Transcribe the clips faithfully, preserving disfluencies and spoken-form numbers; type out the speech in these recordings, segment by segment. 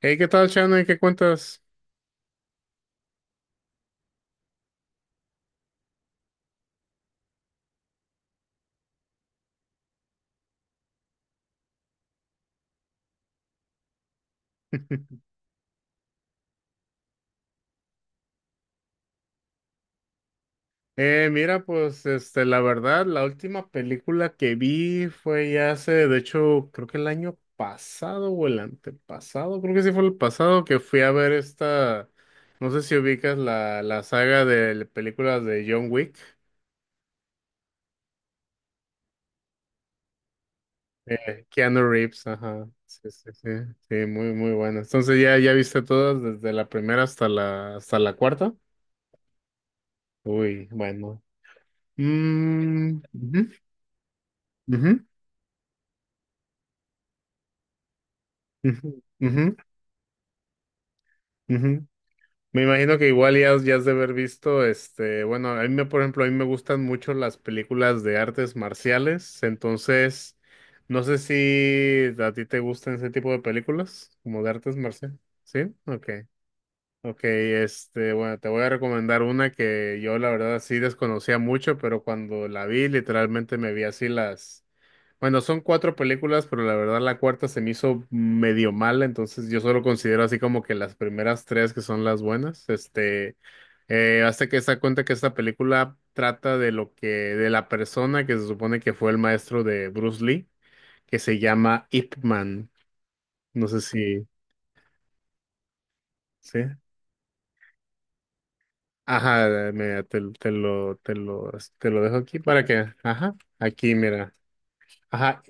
Hey, ¿qué tal, Shannon? ¿Qué cuentas? Eh, mira, pues, este, la verdad, la última película que vi fue ya hace, de hecho, creo que el año pasado o el antepasado, creo que sí fue el pasado que fui a ver esta, no sé si ubicas la, la saga de películas de John Wick, eh, Keanu Reeves, ajá, sí, sí, sí, sí, muy, muy buena. Entonces, ¿ya, ya viste todas desde la primera hasta la, hasta la cuarta? Uy, bueno. Mm, ujú, ujú. Ujú, ujú, ujú. Me imagino que igual ya, has- ya has de haber visto, este, bueno, a mí me, por ejemplo, a mí me gustan mucho las películas de artes marciales, entonces, no sé si a ti te gustan ese tipo de películas, como de artes marciales, ¿sí? Ok, ok, este, bueno, te voy a recomendar una que yo la verdad sí desconocía mucho, pero cuando la vi, literalmente me vi así las. Bueno, son cuatro películas, pero la verdad la cuarta se me hizo medio mala, entonces yo solo considero así como que las primeras tres que son las buenas. Este, eh, hasta que se da cuenta que esta película trata de lo que, de la persona que se supone que fue el maestro de Bruce Lee, que se llama Ip Man. No sé si, ¿sí? Ajá, mira, te, te lo, te lo, te lo dejo aquí para que, ajá, aquí, mira. Ajá.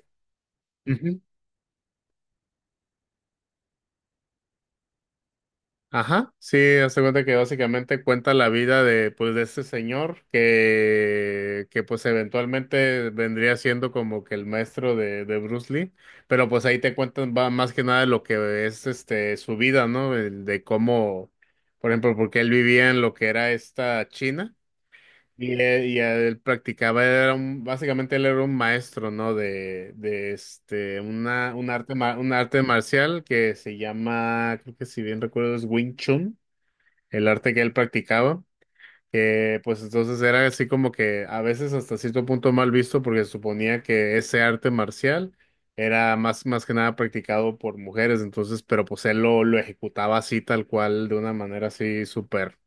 Ajá, sí, hace cuenta que básicamente cuenta la vida de, pues, de este señor que, que pues eventualmente vendría siendo como que el maestro de, de Bruce Lee, pero pues ahí te cuentan va más que nada lo que es este su vida, ¿no? El de cómo, por ejemplo, porque él vivía en lo que era esta China y él, y él practicaba, era un, básicamente él era un maestro, ¿no? De, de este, una, un arte, ma- un arte marcial que se llama, creo que si bien recuerdo es Wing Chun el arte que él practicaba, que pues entonces era así como que a veces hasta cierto punto mal visto porque se suponía que ese arte marcial era más, más que nada practicado por mujeres, entonces, pero pues él lo, lo ejecutaba así tal cual, de una manera así súper.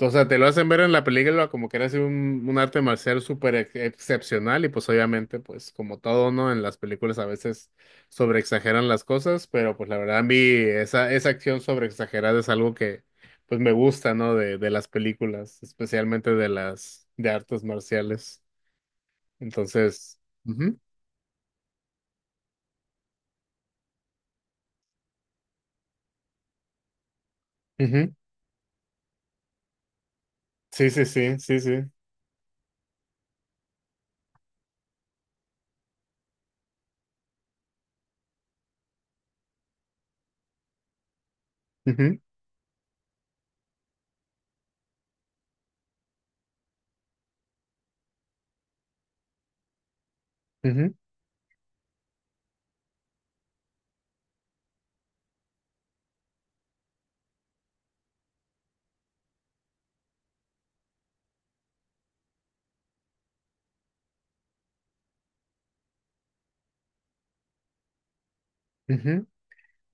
O sea, te lo hacen ver en la película como que eres un, un arte marcial súper ex- excepcional y pues obviamente pues como todo, ¿no? En las películas a veces sobreexageran las cosas, pero pues la verdad a mí esa, esa acción sobreexagerada es algo que pues me gusta, ¿no? De, de las películas, especialmente de las de artes marciales. Entonces, ujú, ujú. Sí, sí, sí, sí, sí. Ujú, ujú, ujú.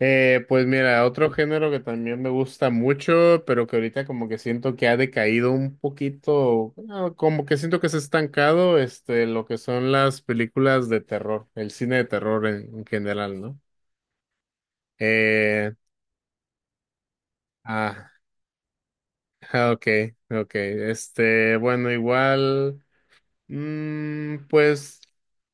Eh, pues mira, otro género que también me gusta mucho, pero que ahorita como que siento que ha decaído un poquito, bueno, como que siento que se ha estancado, este, lo que son las películas de terror, el cine de terror en, en general, ¿no? Eh, ah, ok, ok, este, bueno, igual, mm, pues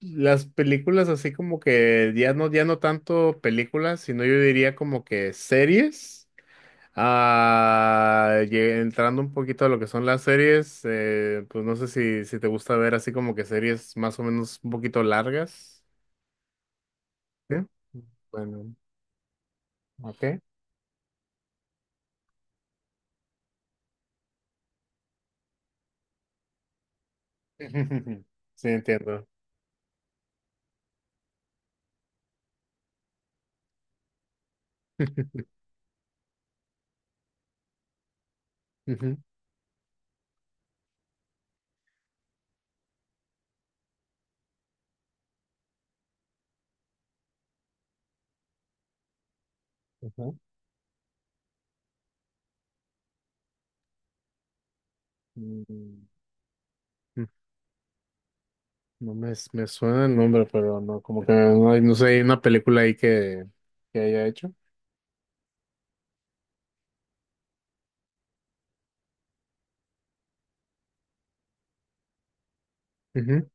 las películas así como que ya no, ya no tanto películas, sino yo diría como que series. Ah, lle- entrando un poquito a lo que son las series, eh, pues no sé si, si te gusta ver así como que series más o menos un poquito largas. ¿Sí? Bueno, ok. Sí, entiendo. Ujú, ujú. Mm, mm, no me, me suena el nombre, pero no, como que no, hay- no sé, hay una película ahí que, que haya hecho. Ujú,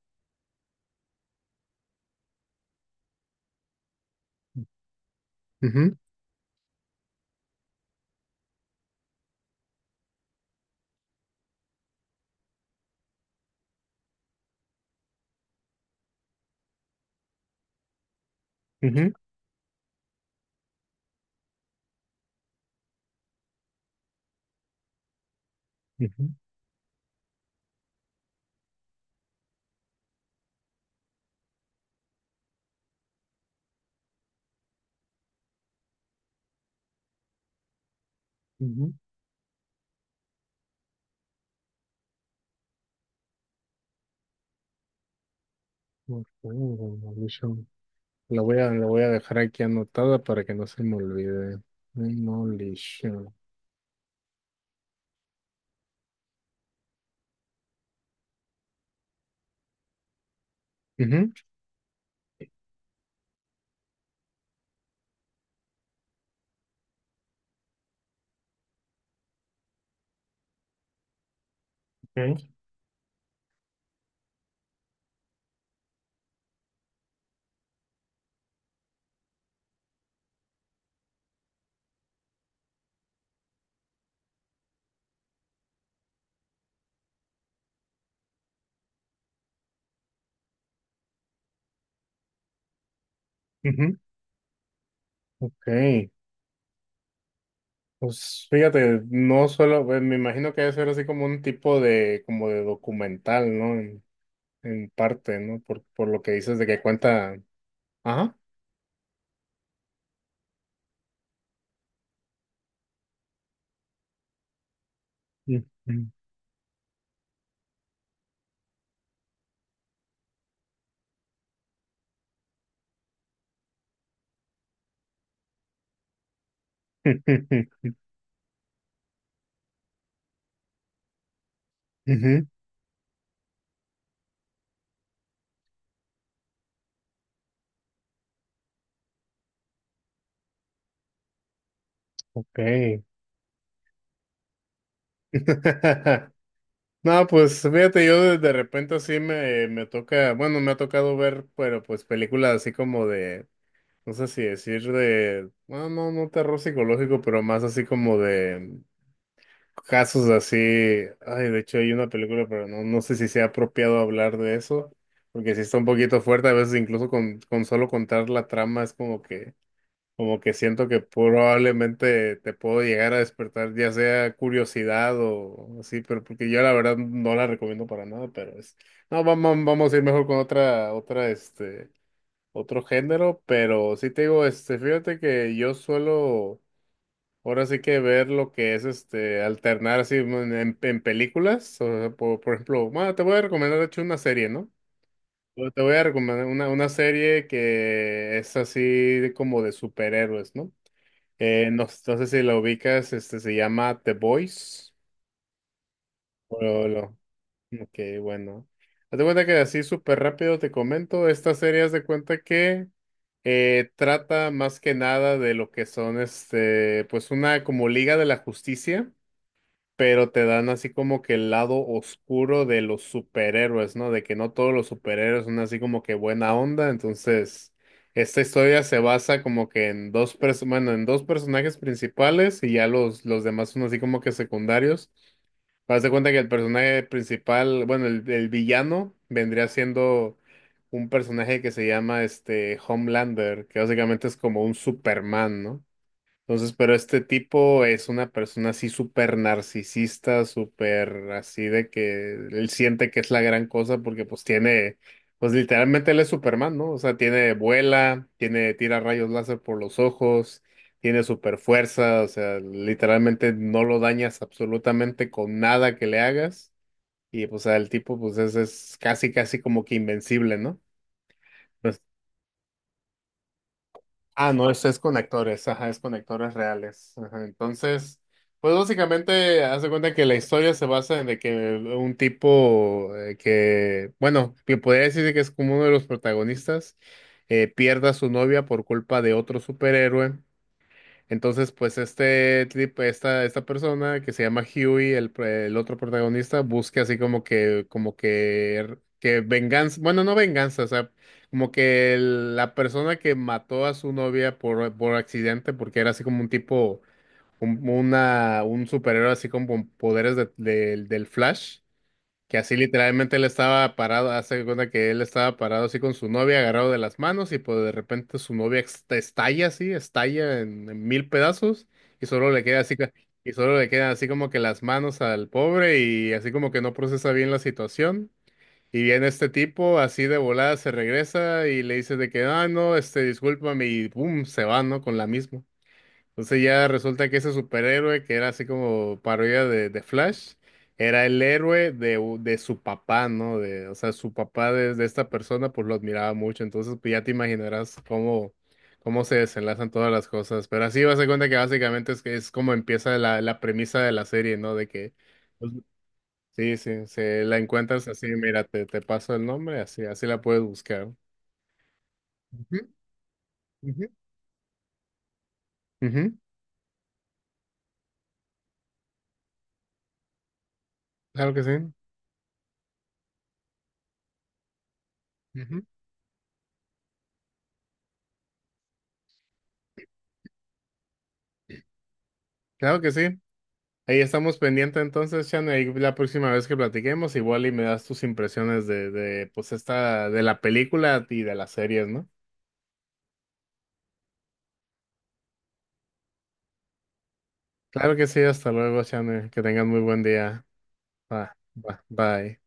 ujú, ujú, ujú, ujú. Ok, Demolition. Lo voy a, lo voy a dejar aquí anotada para que no se me olvide. Demolition. Ujú, ujú, ujú. Ok. Pues fíjate, no solo, pues, me imagino que debe ser así como un tipo de, como de documental, ¿no? En, en parte, ¿no? Por, por lo que dices de que cuenta. Ajá. Ujú. Ujú, ok. No, pues fíjate, yo de, de repente así me, me toca, bueno, me ha tocado ver, pero pues películas así como de. No sé si decir de, bueno, no, no terror psicológico, pero más así como de casos así. Ay, de hecho hay una película, pero no, no sé si sea apropiado hablar de eso, porque sí está un poquito fuerte, a veces incluso con, con solo contar la trama es como que, como que siento que probablemente te puedo llegar a despertar, ya sea curiosidad o así, pero porque yo la verdad no la recomiendo para nada, pero es, no, vamos, vamos a ir mejor con otra, otra, este, otro género, pero sí te digo, este, fíjate que yo suelo ahora sí que ver lo que es este alternar así en, en- en películas, o sea, por, por ejemplo, bueno, te voy a recomendar de hecho una serie, ¿no? Yo te voy a recomendar una, una serie que es así de como de superhéroes, ¿no? Eh, no, no sé si la ubicas, este se llama The Boys. Ok, bueno. Haz de cuenta que así súper rápido te comento, esta serie haz de cuenta que eh, trata más que nada de lo que son este, pues una como Liga de la Justicia, pero te dan así como que el lado oscuro de los superhéroes, ¿no? De que no todos los superhéroes son así como que buena onda, entonces esta historia se basa como que en dos perso- bueno, en dos personajes principales y ya los, los demás son así como que secundarios. Haz de cuenta que el personaje principal, bueno, el, el villano vendría siendo un personaje que se llama este Homelander, que básicamente es como un Superman, ¿no? Entonces, pero este tipo es una persona así súper narcisista, súper así de que él siente que es la gran cosa porque pues tiene, pues literalmente él es Superman, ¿no? O sea, tiene vuela, tiene tira rayos láser por los ojos, tiene super fuerza, o sea, literalmente no lo dañas absolutamente con nada que le hagas y pues el tipo pues es, es casi casi como que invencible, ¿no? Ah, no, es, es con actores, ajá, es con actores reales. Ajá. Entonces, pues básicamente, haz de cuenta que la historia se basa en de que un tipo eh, que, bueno, que podría decirse que es como uno de los protagonistas, eh, pierda a su novia por culpa de otro superhéroe. Entonces, pues este trip, esta, esta persona que se llama Huey, el, pr- el otro protagonista, busca así como que, como que, que venganza, bueno, no venganza, o sea, como que el- la persona que mató a su novia por, por accidente, porque era así como un tipo, un, una, un superhéroe así como con poderes de- del del Flash. Que así literalmente él estaba parado, hace de cuenta que él estaba parado así con su novia agarrado de las manos y pues de repente su novia ex- estalla así, estalla en, en mil pedazos y solo le queda así, ca- y solo le quedan así como que las manos al pobre y así como que no procesa bien la situación. Y viene este tipo así de volada, se regresa y le dice de que, ah, no, este, discúlpame y boom, se va, ¿no? Con la misma. Entonces ya resulta que ese superhéroe, que era así como parodia de, de Flash, era el héroe de, u- de su papá, ¿no? De, o sea, su papá de, de esta persona pues lo admiraba mucho. Entonces pues ya te imaginarás cómo, cómo se desenlazan todas las cosas. Pero así vas a dar cuenta que básicamente es, que es como empieza la, la premisa de la serie, ¿no? De que, pues, sí, sí, se la encuentras así, mira, te, te paso el nombre, así, así la puedes buscar. Ujú, ujú. Ujú, claro que sí. Ujú. Claro que sí. Ahí estamos pendientes entonces, Chan, ahí la próxima vez que platiquemos, igual y me das tus impresiones de, de, pues esta, de la película y de las series, ¿no? Claro que sí, hasta luego, Chan, eh, que tengan muy buen día. Va, va, bye.